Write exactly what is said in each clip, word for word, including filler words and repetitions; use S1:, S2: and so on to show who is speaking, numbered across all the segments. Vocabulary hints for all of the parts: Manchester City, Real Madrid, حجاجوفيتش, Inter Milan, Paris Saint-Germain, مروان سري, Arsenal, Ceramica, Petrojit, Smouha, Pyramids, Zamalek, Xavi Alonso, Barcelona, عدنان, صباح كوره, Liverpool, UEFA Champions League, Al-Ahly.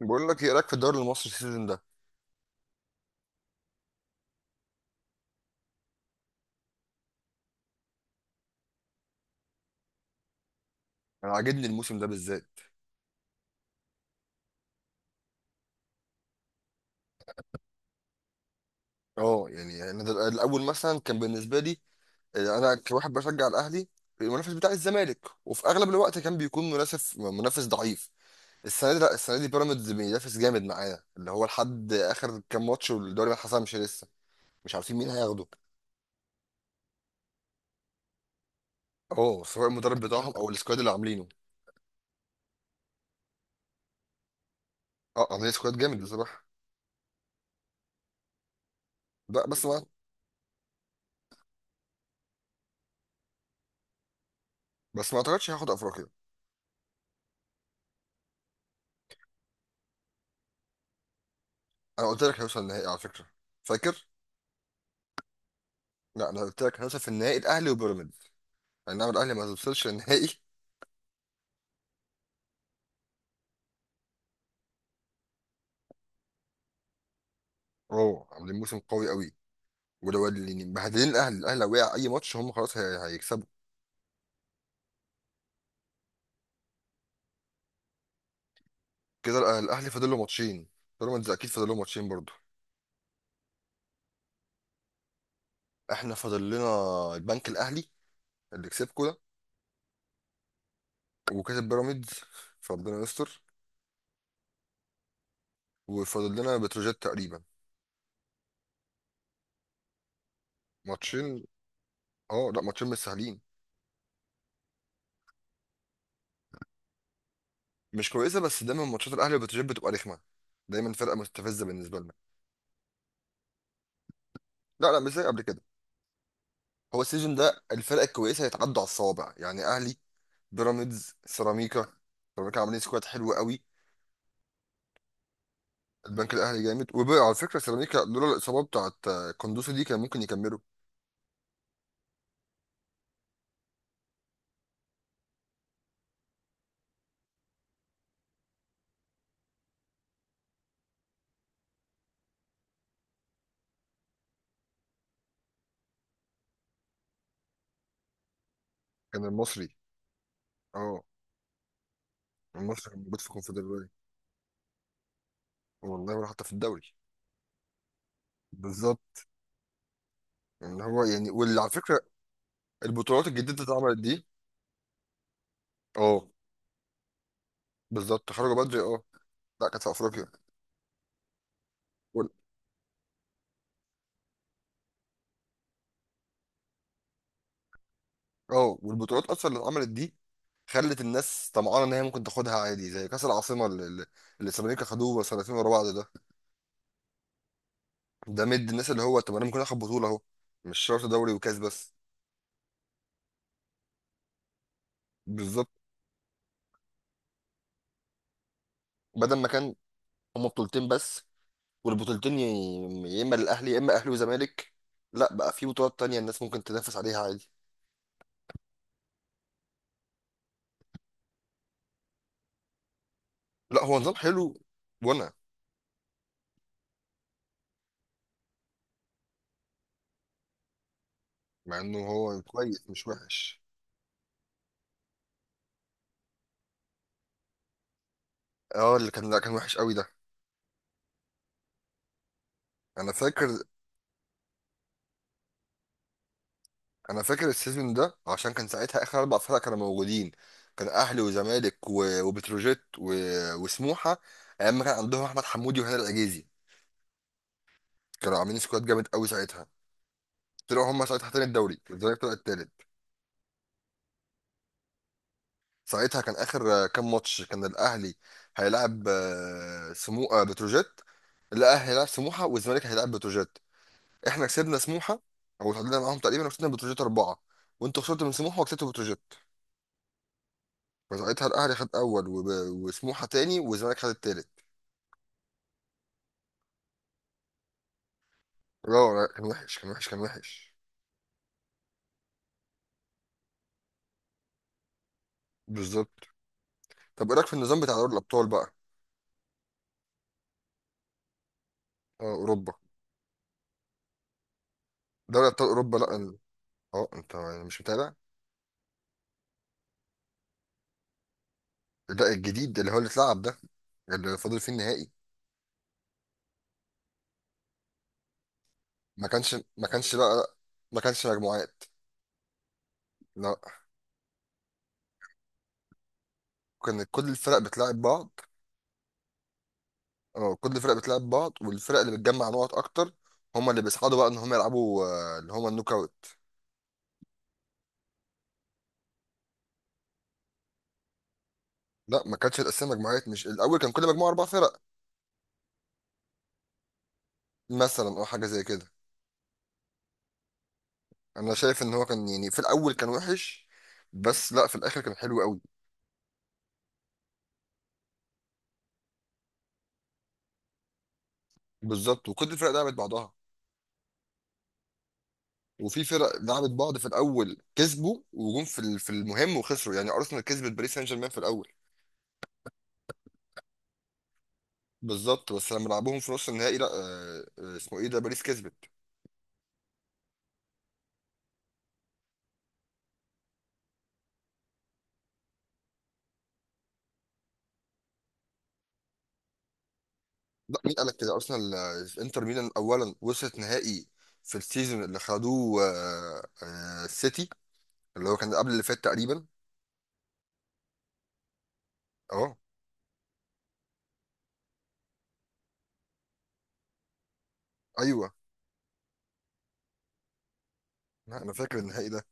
S1: بقول لك ايه رايك في الدوري المصري السيزون ده. انا عاجبني الموسم ده بالذات. اه يعني انا ده- الاول مثلا كان بالنسبه لي، آه، انا كواحد بشجع الاهلي، المنافس بتاع الزمالك. وفي اغلب الوقت كان بيكون منافس منافس ضعيف. السنه دي، لا السنه دي بيراميدز بينافس جامد معانا، اللي هو لحد اخر كام ماتش والدوري ما اتحسمش لسه. مش عارفين مين هياخده. اه سواء المدرب بتاعهم او السكواد اللي عاملينه. اه عاملين سكواد جامد بصراحه. لا بس ما بس ما اعتقدش هياخد افريقيا. انا قلت لك هيوصل النهائي على فكره. فاكر. لا انا قلت لك هدف النهائي الاهلي وبيراميدز، انما الاهلي ما توصلش النهائي. اوه عاملين موسم قوي قوي. ولو اللي مبهدلين الاهلي الاهلي لو وقع اي ماتش هم خلاص هي- هيكسبوا. كده الأه- الاهلي فاضل له ماتشين، بيراميدز اكيد فاضل له ماتشين برضه. احنا فاضل لنا البنك الاهلي اللي كسبكوا ده، وكسب بيراميدز، فربنا يستر. وفاضل لنا بتروجيت تقريبا. ماتشين. اه لا ماتشين مش سهلين. مش كويسه، بس دايما ماتشات الاهلي وبتروجيت بتبقى رخمه. دايما فرقه مستفزه بالنسبه لنا. لا لا، مش زي قبل كده. هو السيزون ده الفرق الكويسه هيتعدوا على الصوابع. يعني اهلي، بيراميدز، سيراميكا. سيراميكا عاملين سكواد حلو قوي. البنك الاهلي جامد. وبقى على فكره سيراميكا لولا الاصابه بتاعت آه، كوندوسي دي كان ممكن يكملوا. كان المصري. اه المصري كان موجود في الكونفدراليه. والله ولا حتى في الدوري. بالظبط. يعني هو يعني واللي على فكره البطولات الجديده اللي اتعملت دي. اه بالظبط، خرجوا بدري. اه لا كانت في افريقيا. وال- اه والبطولات اصلا اللي اتعملت دي خلت الناس طمعانه ان هي ممكن تاخدها عادي، زي كاس العاصمه اللي اللي اللي السيراميكا خدوه سنتين ورا بعض ده. ده مد الناس اللي هو طب انا ممكن اخد بطوله اهو، مش شرط دوري وكاس بس. بالظبط. بدل ما كان هما بطولتين بس، والبطولتين ي- يا اما للاهلي يا اما اهلي وزمالك. لا بقى في بطولات تانية الناس ممكن تنافس عليها عادي. لا هو نظام حلو. وانا مع انه هو كويس مش وحش. اه اللي كان، لا كان وحش قوي ده. انا فاكر، انا فاكر السيزون ده، عشان كان ساعتها اخر اربع فرق كانوا موجودين. كان اهلي وزمالك و- وبتروجيت و- وسموحه. ايام ما كان عندهم احمد حمودي وهنا العجيزي، كانوا عاملين سكواد جامد قوي ساعتها. طلعوا هم ساعتها تاني الدوري الزمالك طلع التالت. ساعتها كان اخر آه، كام ماتش كان الاهلي هيلاعب آه، سمو آه، بتروجيت. الاهلي هيلاعب سموحه والزمالك هيلاعب بتروجيت. احنا كسبنا سموحه او تعادلنا معاهم تقريبا، وكسبنا بتروجيت اربعه. وانتوا خسرتوا من سموحه وكسبتوا بتروجيت. فساعتها الاهلي خد اول وب... وسموحه تاني والزمالك خد التالت. لا لا، كان وحش كان وحش كان وحش. بالظبط. طب ايه رايك في النظام بتاع دوري الابطال بقى. اه اوروبا. دوري ابطال اوروبا، لا ال- اه انت يعني مش متابع. لا الجديد اللي هو اللي اتلعب ده، اللي فاضل فيه النهائي. ما كانش ما كانش لا لا، ما كانش مجموعات. لا. كان كل الفرق بتلعب بعض. اه كل الفرق بتلعب بعض، والفرق اللي بتجمع نقط اكتر هما اللي بيصعدوا، بقى ان هم يلعبوا آه، اللي هما النوك اوت. لا ما كانتش الاسامي مجموعات، مش الاول كان كل مجموعه اربع فرق. مثلا او حاجه زي كده. انا شايف ان هو كان يعني في الاول كان وحش، بس لا في الاخر كان حلو قوي. بالظبط، وكل الفرق لعبت بعضها. وفي فرق لعبت بعض في الاول كسبوا وجم في ال- في المهم وخسروا. يعني ارسنال كسبت باريس سان جيرمان في الاول. بالظبط، بس لما لعبوهم في نص النهائي لا آه، آه، اسمه ايه ده باريس كسبت. لا مين قال لك كده، ارسنال آه، انتر ميلان اولا وصلت نهائي، في السيزون اللي خدوه آه، آه، السيتي، اللي هو كان قبل اللي فات تقريبا. اه ايوه. لا، انا فاكر النهائي ده.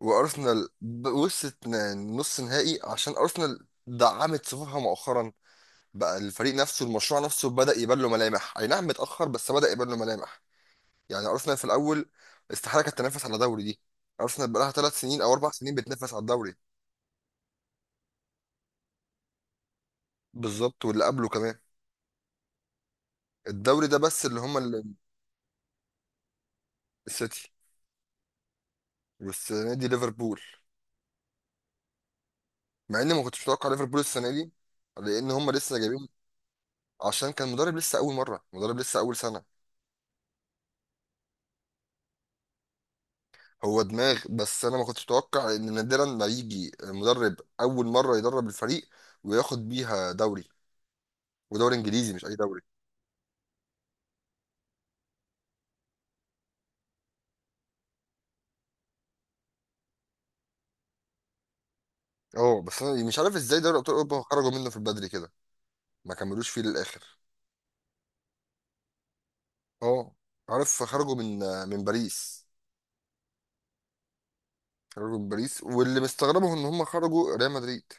S1: وارسنال ب- وصلت ن- نص نهائي، عشان ارسنال دعمت صفوفها مؤخرا. بقى الفريق نفسه المشروع نفسه بدأ يبان له ملامح، اي نعم متأخر بس بدأ يبان له ملامح. يعني ارسنال في الاول استحاله كانت تنافس على دوري دي. ارسنال بقى لها ثلاث سنين او اربع سنين بتنافس على الدوري. بالظبط، واللي قبله كمان. الدوري ده بس اللي هم ال- السيتي. والسنه دي ليفربول. مع اني ما كنتش متوقع ليفربول السنه دي. لان هم لسه جايبين، عشان كان مدرب لسه اول مره، مدرب لسه اول سنه. هو دماغ، بس انا ما كنتش اتوقع ان نادرا ما يجي مدرب اول مره يدرب الفريق وياخد بيها دوري، ودوري انجليزي مش اي دوري. اه بس انا مش عارف ازاي دوري ابطال اوروبا خرجوا منه في البدري كده، ما كملوش فيه للاخر. اه عارف، خرجوا من من باريس. خرجوا من باريس، واللي مستغربه ان هم خرجوا ريال مدريد.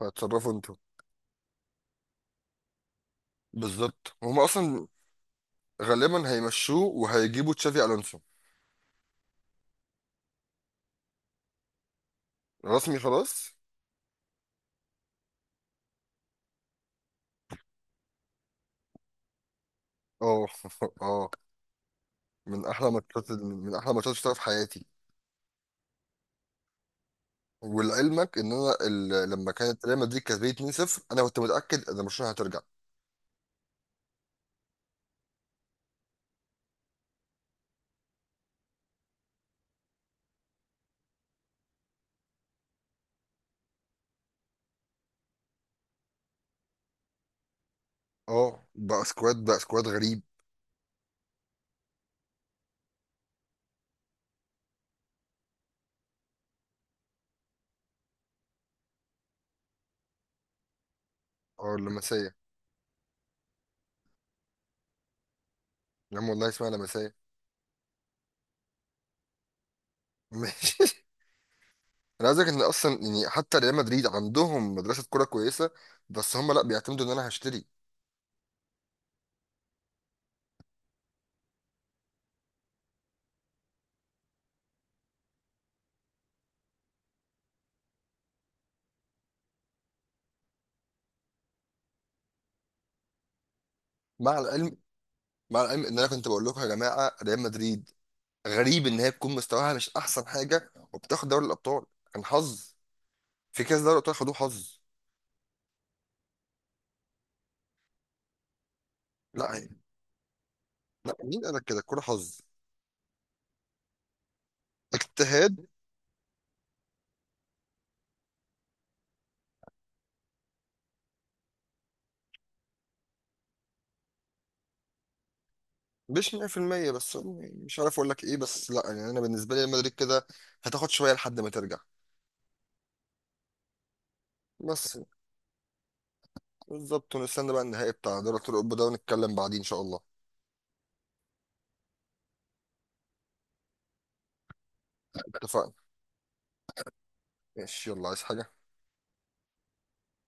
S1: فاتصرفوا انتوا. بالظبط. هم اصلا غالبا هيمشوه وهيجيبوا تشافي الونسو. رسمي خلاص. اه اه. من احلى ماتشات، من احلى ماتشات شفتها في حياتي. ولعلمك ان انا ال- لما كانت ريال مدريد كسبانه اتنين صفر انا كنت متاكد ان برشلونه هترجع. اه بقى سكواد بقى سكواد غريب. اه لمسيه. يا عم والله اسمها لمسيه. ماشي. انا عايز أقولك ان اصلا يعني حتى ريال مدريد عندهم مدرسه كوره كويسه، بس هم لا بيعتمدوا ان انا هشتري. مع العلم، مع العلم ان انا كنت بقول لكم يا جماعه ريال مدريد غريب ان هي تكون مستواها مش احسن حاجه وبتاخد دوري الابطال. كان حظ. في كاس دوري الابطال خدوه حظ. لا لا، مين قال لك كده، الكوره حظ؟ اجتهاد. مش مية بالمية بس، يعني مش عارف اقول لك ايه، بس لا يعني انا بالنسبه لي ريال مدريد كده هتاخد شويه لحد ما ترجع. بس. بالظبط. ونستنى بقى النهائي بتاع دوري ابطال اوروبا ده ونتكلم بعدين ان شاء الله. اتفقنا. ماشي يلا، عايز حاجه؟